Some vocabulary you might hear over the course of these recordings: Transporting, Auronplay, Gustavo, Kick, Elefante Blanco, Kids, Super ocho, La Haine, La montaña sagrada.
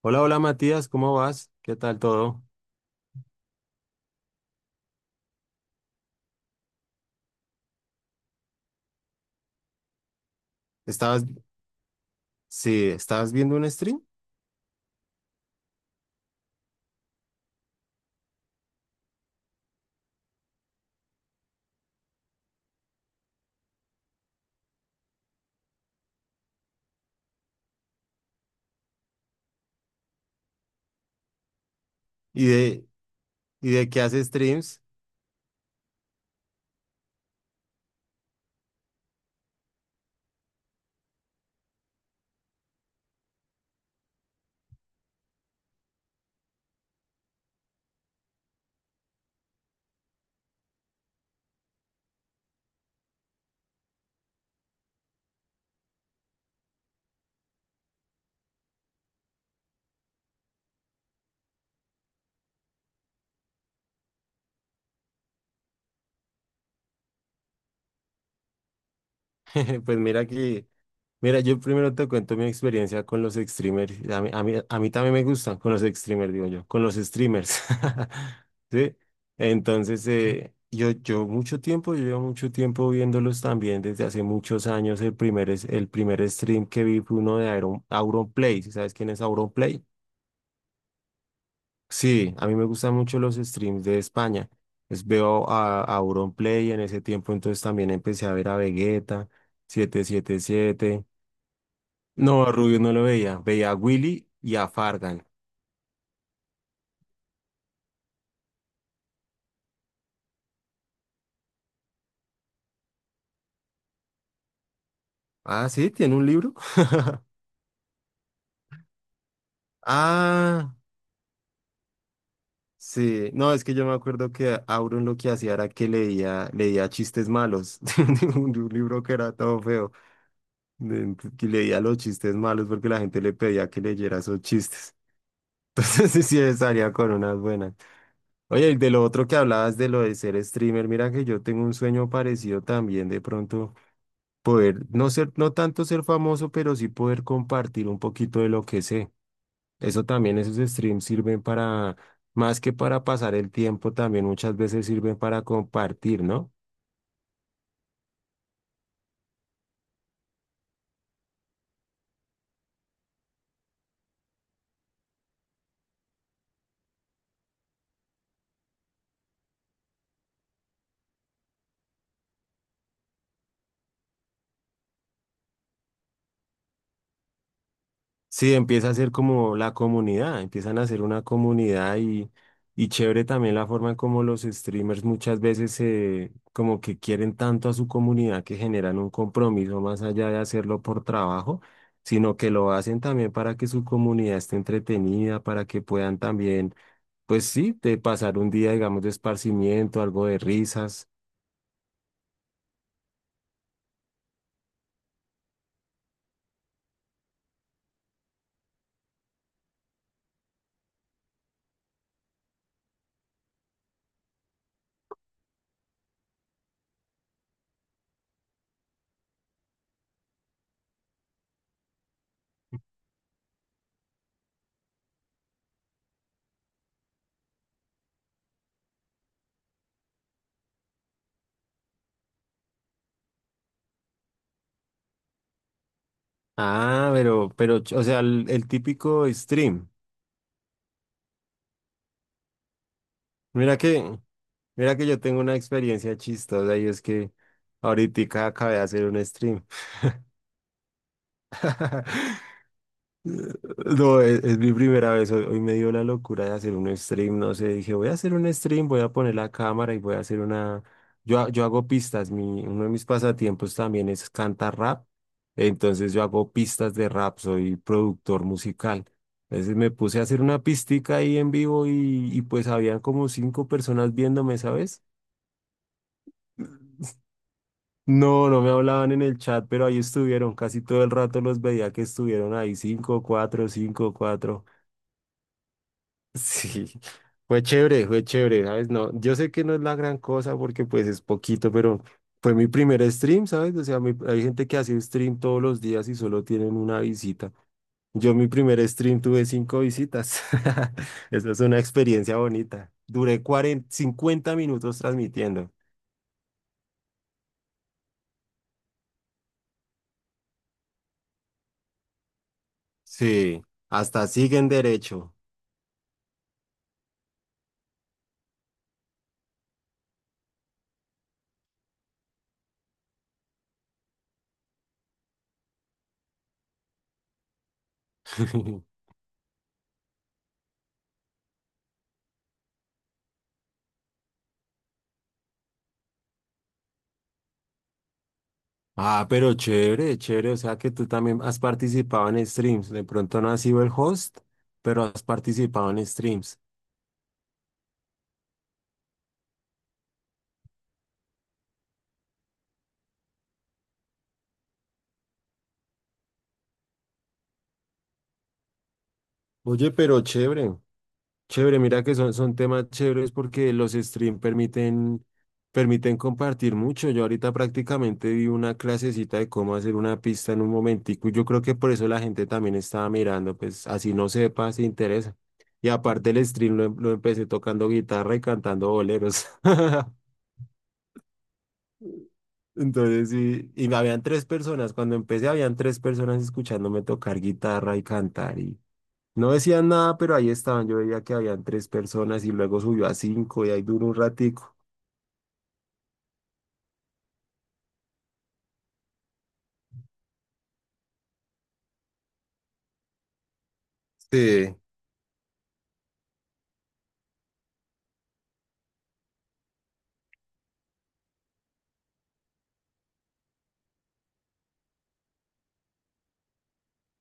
Hola, hola Matías, ¿cómo vas? ¿Qué tal todo? ¿Estabas, sí, ¿estabas viendo un stream? ¿Y de, y de qué haces streams? Pues mira, yo primero te cuento mi experiencia con los streamers. A mí también me gustan con los streamers, digo yo, con los streamers. ¿Sí? Entonces, yo llevo mucho tiempo viéndolos también desde hace muchos años. El primer stream que vi fue uno de Auron, Auronplay. ¿Sí? ¿Sabes quién es Auronplay? Sí, a mí me gustan mucho los streams de España. Veo a Auronplay en ese tiempo, entonces también empecé a ver a Vegeta 777. No, a Rubio no lo veía. Veía a Willy y a Fargan. Ah, sí, tiene un libro. Ah, sí. No, es que yo me acuerdo que Auron lo que hacía era que leía chistes malos de un libro que era todo feo. Que leía los chistes malos porque la gente le pedía que leyera esos chistes. Entonces sí, sí, salía con unas buenas. Oye, y de lo otro que hablabas de lo de ser streamer, mira que yo tengo un sueño parecido también de pronto poder no ser, no tanto ser famoso, pero sí poder compartir un poquito de lo que sé. Eso también, esos streams sirven para, más que para pasar el tiempo, también muchas veces sirven para compartir, ¿no? Sí, empieza a ser como la comunidad, empiezan a ser una comunidad y chévere también la forma en cómo los streamers muchas veces se, como que quieren tanto a su comunidad que generan un compromiso más allá de hacerlo por trabajo, sino que lo hacen también para que su comunidad esté entretenida, para que puedan también, pues sí, de pasar un día, digamos, de esparcimiento, algo de risas. Ah, pero, o sea, el típico stream. Mira que, mira que yo tengo una experiencia chistosa y es que ahorita acabé de hacer un stream. No, es mi primera vez. Hoy me dio la locura de hacer un stream. No sé, dije, voy a hacer un stream, voy a poner la cámara y voy a hacer una. Yo hago pistas. Uno de mis pasatiempos también es cantar rap. Entonces yo hago pistas de rap, soy productor musical. Entonces me puse a hacer una pistica ahí en vivo y pues habían como cinco personas viéndome, ¿sabes? No, no me hablaban en el chat, pero ahí estuvieron. Casi todo el rato los veía que estuvieron ahí. Cinco, cuatro, cinco, cuatro. Sí, fue chévere, ¿sabes? No, yo sé que no es la gran cosa porque pues es poquito, pero fue mi primer stream, ¿sabes? O sea, hay gente que hace stream todos los días y solo tienen una visita. Yo mi primer stream tuve cinco visitas. Esa es una experiencia bonita. Duré 40, 50 minutos transmitiendo. Sí, hasta siguen derecho. Ah, pero chévere, chévere. O sea que tú también has participado en streams. De pronto no has sido el host, pero has participado en streams. Oye, pero chévere, chévere. Mira que son temas chéveres porque los streams permiten compartir mucho. Yo ahorita prácticamente vi una clasecita de cómo hacer una pista en un momentico. Y yo creo que por eso la gente también estaba mirando, pues así no sepa, se interesa. Y aparte el stream lo empecé tocando guitarra y cantando boleros. Entonces, sí, y me habían tres personas. Cuando empecé, habían tres personas escuchándome tocar guitarra y cantar. Y no decían nada, pero ahí estaban. Yo veía que habían tres personas y luego subió a cinco y ahí duró un ratico. Sí.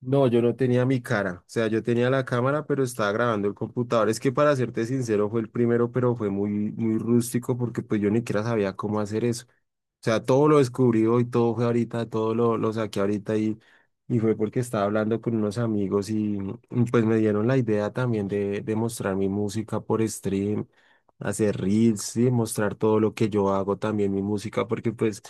No, yo no tenía mi cara. O sea, yo tenía la cámara, pero estaba grabando el computador. Es que para serte sincero, fue el primero, pero fue muy, muy rústico porque pues yo ni siquiera sabía cómo hacer eso. O sea, todo lo descubrió y todo fue ahorita, todo lo saqué ahorita y fue porque estaba hablando con unos amigos y pues me dieron la idea también de mostrar mi música por stream, hacer reels y mostrar todo lo que yo hago también mi música porque pues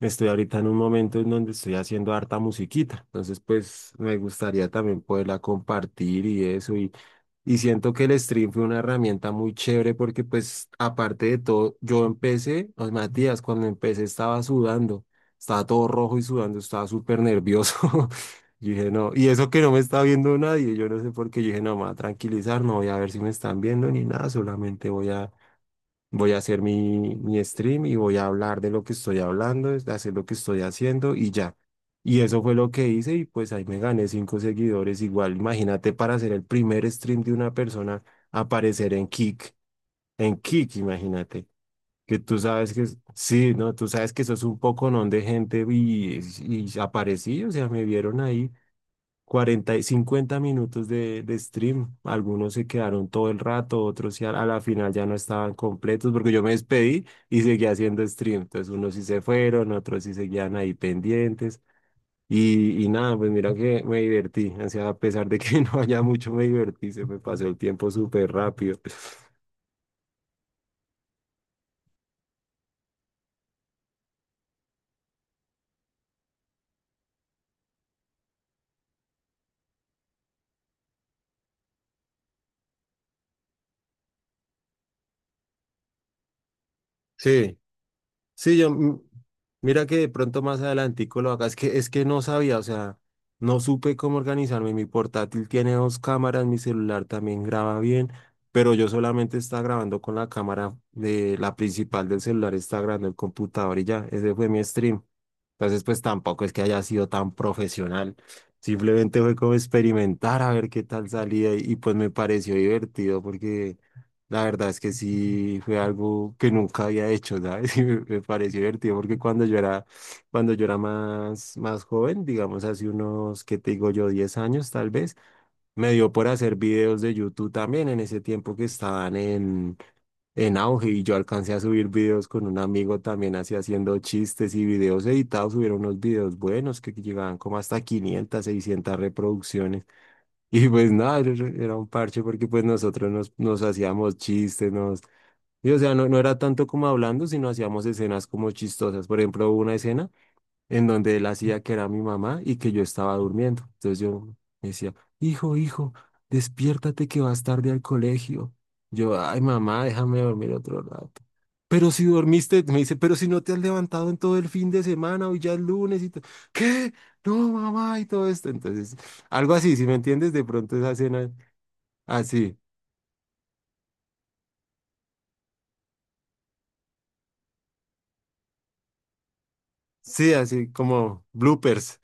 estoy ahorita en un momento en donde estoy haciendo harta musiquita. Entonces pues me gustaría también poderla compartir y eso y siento que el stream fue una herramienta muy chévere porque pues aparte de todo, yo empecé, oh, Matías, cuando empecé estaba sudando, estaba todo rojo y sudando, estaba súper nervioso. Yo dije, no, y eso que no me está viendo nadie, yo no sé por qué, yo dije, no, me voy a tranquilizar, no voy a ver si me están viendo ni nada, solamente voy a hacer mi stream y voy a hablar de lo que estoy hablando, de hacer lo que estoy haciendo y ya. Y eso fue lo que hice y pues ahí me gané cinco seguidores. Igual, imagínate para hacer el primer stream de una persona, aparecer en Kick, imagínate. Que tú sabes que, sí, ¿no? Tú sabes que sos un poconón de gente y aparecí, o sea, me vieron ahí 40 y 50 minutos de stream. Algunos se quedaron todo el rato, otros ya a la final ya no estaban completos porque yo me despedí y seguía haciendo stream. Entonces unos sí se fueron, otros sí seguían ahí pendientes. Y nada, pues mira que me divertí. O sea, a pesar de que no haya mucho, me divertí. Se me pasó el tiempo súper rápido. Sí. Sí, mira que de pronto más adelantico lo haga, es que no sabía, o sea, no supe cómo organizarme, mi portátil tiene dos cámaras, mi celular también graba bien, pero yo solamente estaba grabando con la cámara de la principal del celular, estaba grabando el computador y ya, ese fue mi stream. Entonces, pues tampoco es que haya sido tan profesional. Simplemente fue como experimentar a ver qué tal salía y, pues me pareció divertido porque la verdad es que sí fue algo que nunca había hecho, ¿sabes? Y me pareció divertido porque cuando yo era más joven, digamos hace unos, ¿qué te digo yo? 10 años tal vez, me dio por hacer videos de YouTube también en ese tiempo que estaban en auge y yo alcancé a subir videos con un amigo también así haciendo chistes y videos editados, subieron unos videos buenos que llegaban como hasta 500, 600 reproducciones y pues nada, era un parche porque pues nosotros nos hacíamos chistes, nos... Y o sea, no, no era tanto como hablando, sino hacíamos escenas como chistosas. Por ejemplo, hubo una escena en donde él hacía que era mi mamá y que yo estaba durmiendo. Entonces yo me decía, hijo, hijo, despiértate que vas tarde al colegio. Yo, ay, mamá, déjame dormir otro rato. Pero si dormiste, me dice, pero si no te has levantado en todo el fin de semana, hoy ya es lunes y todo. ¿Qué? No, mamá, y todo esto. Entonces, algo así, si me entiendes, de pronto esa escena así. Sí, así como bloopers.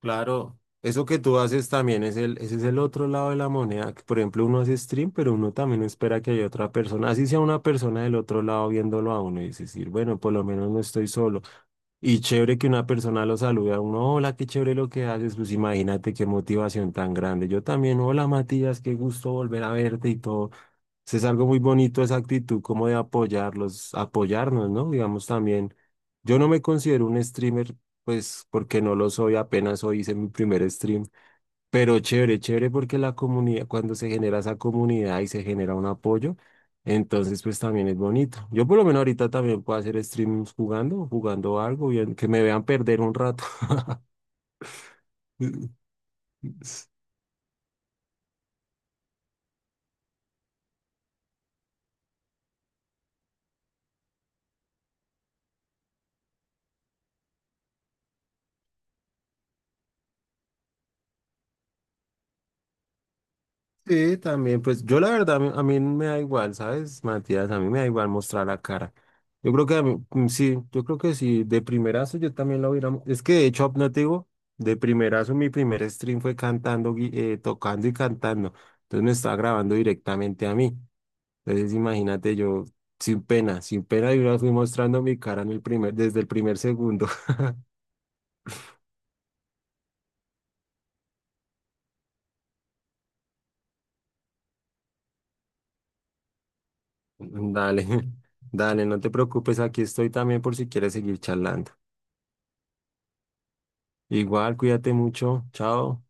Claro, eso que tú haces también ese es el otro lado de la moneda, que por ejemplo uno hace stream, pero uno también espera que haya otra persona, así sea una persona del otro lado viéndolo a uno y decir, bueno, por lo menos no estoy solo. Y chévere que una persona lo salude a uno, hola, qué chévere lo que haces, pues imagínate qué motivación tan grande. Yo también, hola Matías, qué gusto volver a verte y todo. Sí, es algo muy bonito esa actitud como de apoyarlos, apoyarnos, ¿no? Digamos también, yo no me considero un streamer, pues porque no lo soy, apenas hoy hice mi primer stream, pero chévere, chévere porque la comunidad, cuando se genera esa comunidad y se genera un apoyo, entonces pues también es bonito. Yo por lo menos ahorita también puedo hacer streams jugando, jugando algo, bien, que me vean perder un rato. Sí, también, pues yo la verdad, a mí me da igual, ¿sabes, Matías? A mí me da igual mostrar la cara. Yo creo que a mí, sí, yo creo que sí, de primerazo yo también lo hubiera. Es que de hecho, no te digo, de primerazo mi primer stream fue cantando, tocando y cantando. Entonces me estaba grabando directamente a mí. Entonces imagínate yo, sin pena, sin pena, yo ya fui mostrando mi cara desde el primer segundo. Dale, dale, no te preocupes, aquí estoy también por si quieres seguir charlando. Igual, cuídate mucho. Chao.